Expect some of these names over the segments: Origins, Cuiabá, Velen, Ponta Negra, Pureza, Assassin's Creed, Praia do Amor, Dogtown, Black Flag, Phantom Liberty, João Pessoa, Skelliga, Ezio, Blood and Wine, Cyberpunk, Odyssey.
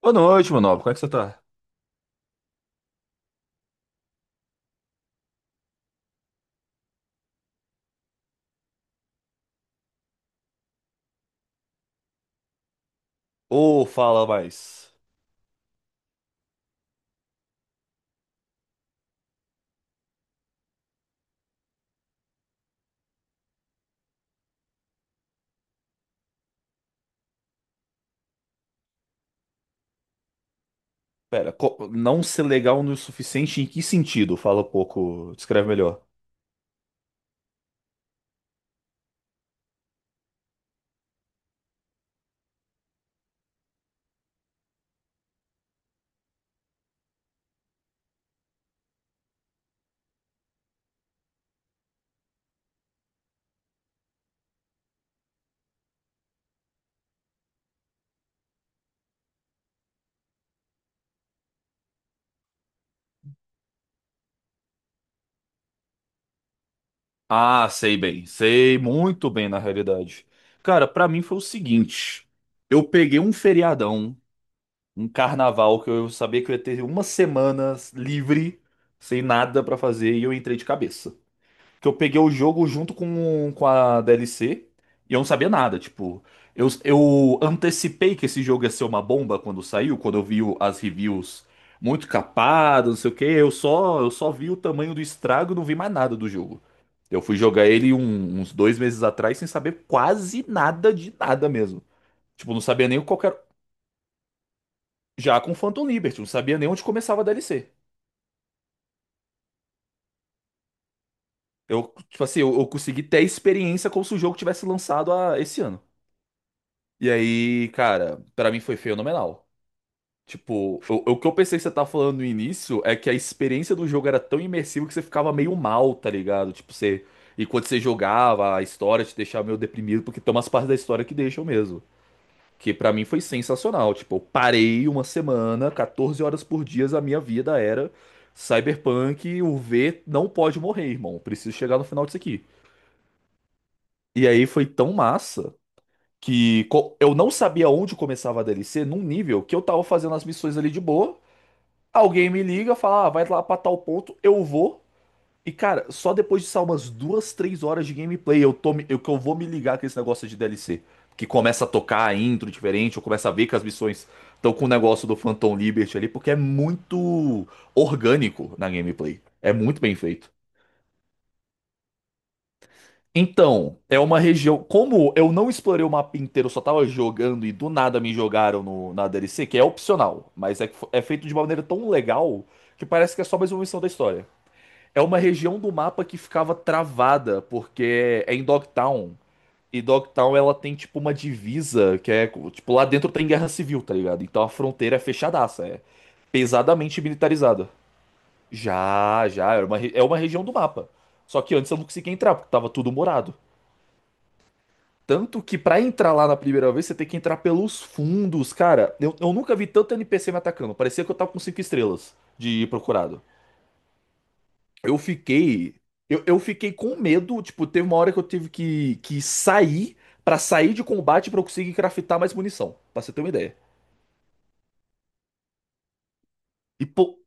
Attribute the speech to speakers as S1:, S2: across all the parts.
S1: Boa noite, meu nobre. Como é que você tá? Ô, fala mais. Pera, não ser legal no suficiente em que sentido? Fala um pouco, descreve melhor. Ah, sei bem. Sei muito bem, na realidade. Cara, pra mim foi o seguinte. Eu peguei um feriadão, um carnaval, que eu sabia que eu ia ter uma semana livre, sem nada pra fazer, e eu entrei de cabeça. Porque eu peguei o jogo junto com a DLC e eu não sabia nada. Tipo, eu antecipei que esse jogo ia ser uma bomba quando saiu, quando eu vi as reviews muito capadas, não sei o quê. Eu só vi o tamanho do estrago e não vi mais nada do jogo. Eu fui jogar ele uns dois meses atrás sem saber quase nada de nada mesmo. Tipo, não sabia nem qualquer. Já com Phantom Liberty, não sabia nem onde começava a DLC. Eu, tipo assim, eu consegui ter a experiência como se o jogo tivesse lançado esse ano. E aí, cara, pra mim foi fenomenal. Tipo, o que eu pensei que você tava falando no início é que a experiência do jogo era tão imersiva que você ficava meio mal, tá ligado? Tipo, você. E quando você jogava, a história te deixava meio deprimido, porque tem umas partes da história que deixam mesmo. Que pra mim foi sensacional. Tipo, eu parei uma semana, 14 horas por dia, a minha vida era Cyberpunk, o V não pode morrer, irmão. Preciso chegar no final disso aqui. E aí foi tão massa que eu não sabia onde começava a DLC num nível que eu tava fazendo as missões ali de boa. Alguém me liga, fala, ah, vai lá pra tal ponto, eu vou. E cara, só depois de só umas duas, três horas de gameplay eu tô, que eu vou me ligar com esse negócio de DLC. Que começa a tocar a intro diferente, eu começo a ver que as missões estão com o negócio do Phantom Liberty ali, porque é muito orgânico na gameplay. É muito bem feito. Então, é uma região. Como eu não explorei o mapa inteiro, eu só tava jogando e do nada me jogaram no, na DLC, que é opcional, mas é, que é feito de uma maneira tão legal que parece que é só mais uma missão da história. É uma região do mapa que ficava travada, porque é em Dogtown. E Dogtown ela tem tipo uma divisa que é. Tipo, lá dentro tem guerra civil, tá ligado? Então a fronteira é fechadaça, é pesadamente militarizada. Já, é uma, é uma região do mapa. Só que antes eu não conseguia entrar, porque tava tudo morado. Tanto que pra entrar lá na primeira vez, você tem que entrar pelos fundos, cara. Eu nunca vi tanto NPC me atacando. Parecia que eu tava com cinco estrelas de procurado. Eu fiquei. Eu fiquei com medo. Tipo, teve uma hora que eu tive que sair pra sair de combate pra eu conseguir craftar mais munição. Pra você ter uma ideia. E, pô,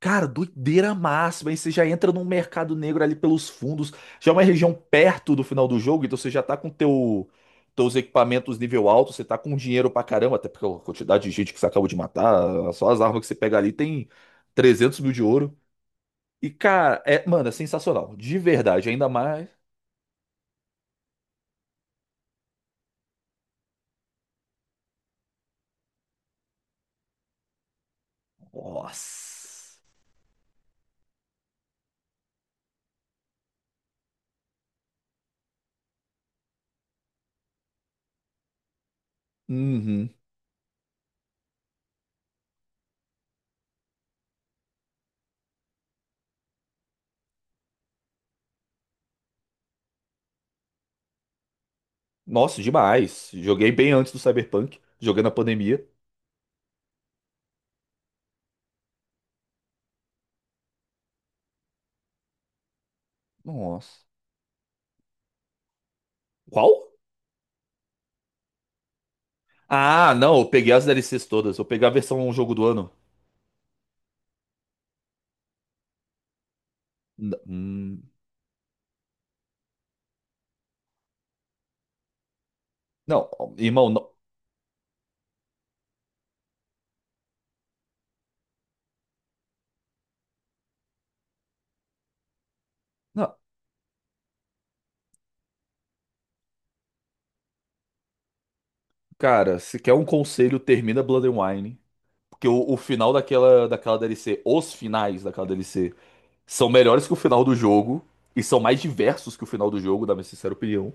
S1: cara, doideira máxima. Aí você já entra num mercado negro ali pelos fundos. Já é uma região perto do final do jogo, então você já tá com teus equipamentos nível alto, você tá com dinheiro pra caramba, até porque a quantidade de gente que você acabou de matar, só as armas que você pega ali tem 300 mil de ouro. E, cara, é, mano, é sensacional. De verdade, ainda mais. Nossa. Uhum. Nossa, demais. Joguei bem antes do Cyberpunk. Joguei na pandemia. Nossa. Qual? Ah, não, eu peguei as DLCs todas. Eu peguei a versão jogo do ano. N- hum, Não, irmão, não. Não, cara, se quer um conselho, termina Blood and Wine. Porque o final daquela, daquela DLC, os finais daquela DLC, são melhores que o final do jogo. E são mais diversos que o final do jogo, da minha sincera opinião.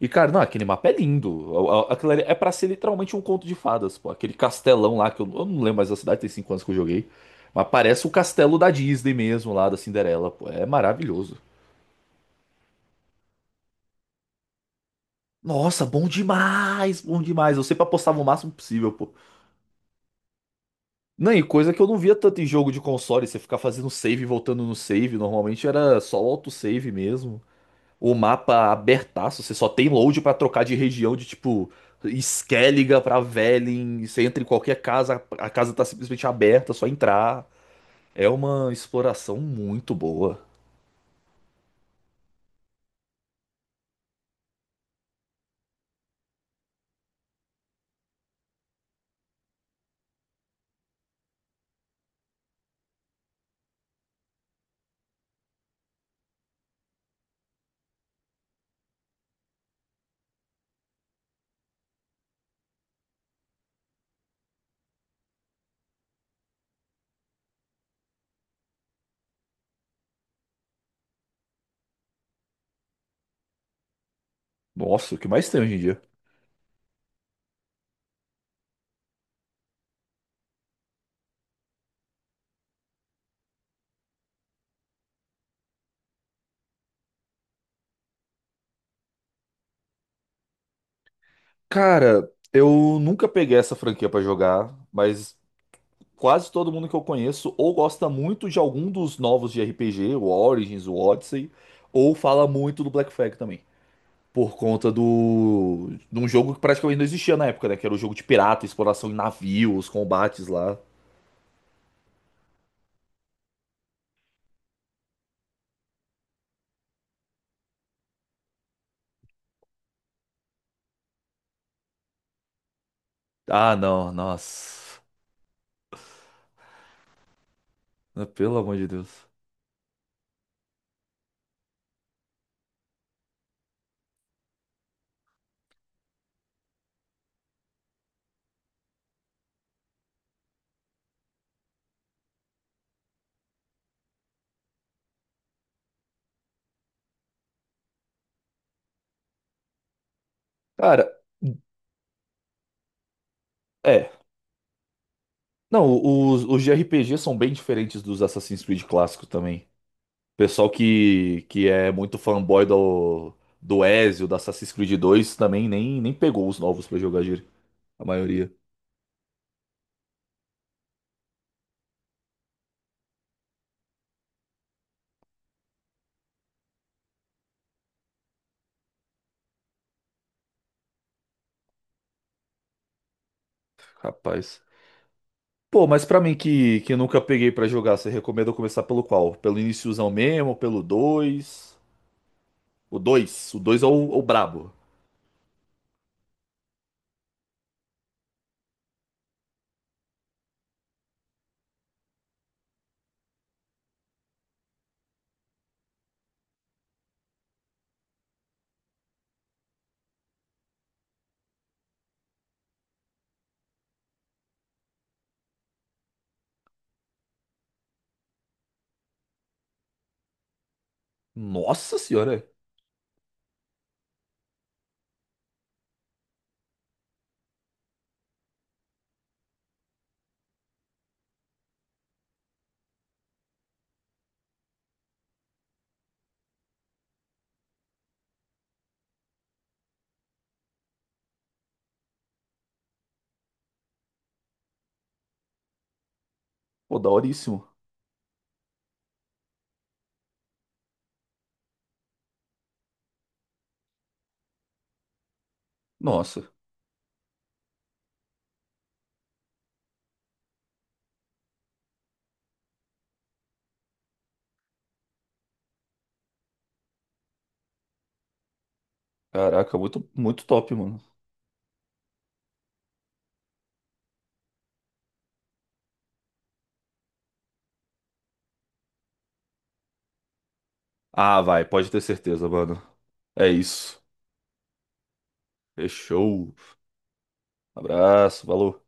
S1: E, cara, não, aquele mapa é lindo. Aquilo ali é pra ser literalmente um conto de fadas, pô. Aquele castelão lá, que eu não lembro mais da cidade, tem 5 anos que eu joguei. Mas parece o castelo da Disney mesmo, lá da Cinderela, pô. É maravilhoso. Nossa, bom demais, bom demais. Eu sempre apostava o máximo possível, pô. Não, e coisa que eu não via tanto em jogo de console, você ficar fazendo save e voltando no save, normalmente era só o autosave mesmo. O mapa abertaço, você só tem load pra trocar de região de tipo Skelliga pra Velen, você entra em qualquer casa, a casa tá simplesmente aberta, é só entrar. É uma exploração muito boa. Nossa, o que mais tem hoje em dia? Cara, eu nunca peguei essa franquia pra jogar, mas quase todo mundo que eu conheço ou gosta muito de algum dos novos de RPG, o Origins, o Odyssey, ou fala muito do Black Flag também. Por conta do de um jogo que praticamente não existia na época, né? Que era o jogo de pirata, exploração em navios, combates lá. Ah, não, nossa. Pelo amor de Deus. Cara, é. Não, os de RPG são bem diferentes dos Assassin's Creed clássicos também. Pessoal que é muito fanboy do, do Ezio, da Assassin's Creed 2, também nem pegou os novos pra jogar, gíria. A maioria. Rapaz. Pô, mas pra mim que nunca peguei pra jogar, você recomenda eu começar pelo qual? Pelo iniciozão mesmo, pelo dois? O 2? O 2 é o brabo. Nossa senhora. É. Pô, daoríssimo. Nossa. Caraca, muito, muito top, mano. Ah, vai, pode ter certeza, mano. É isso. Fechou. Abraço, valeu.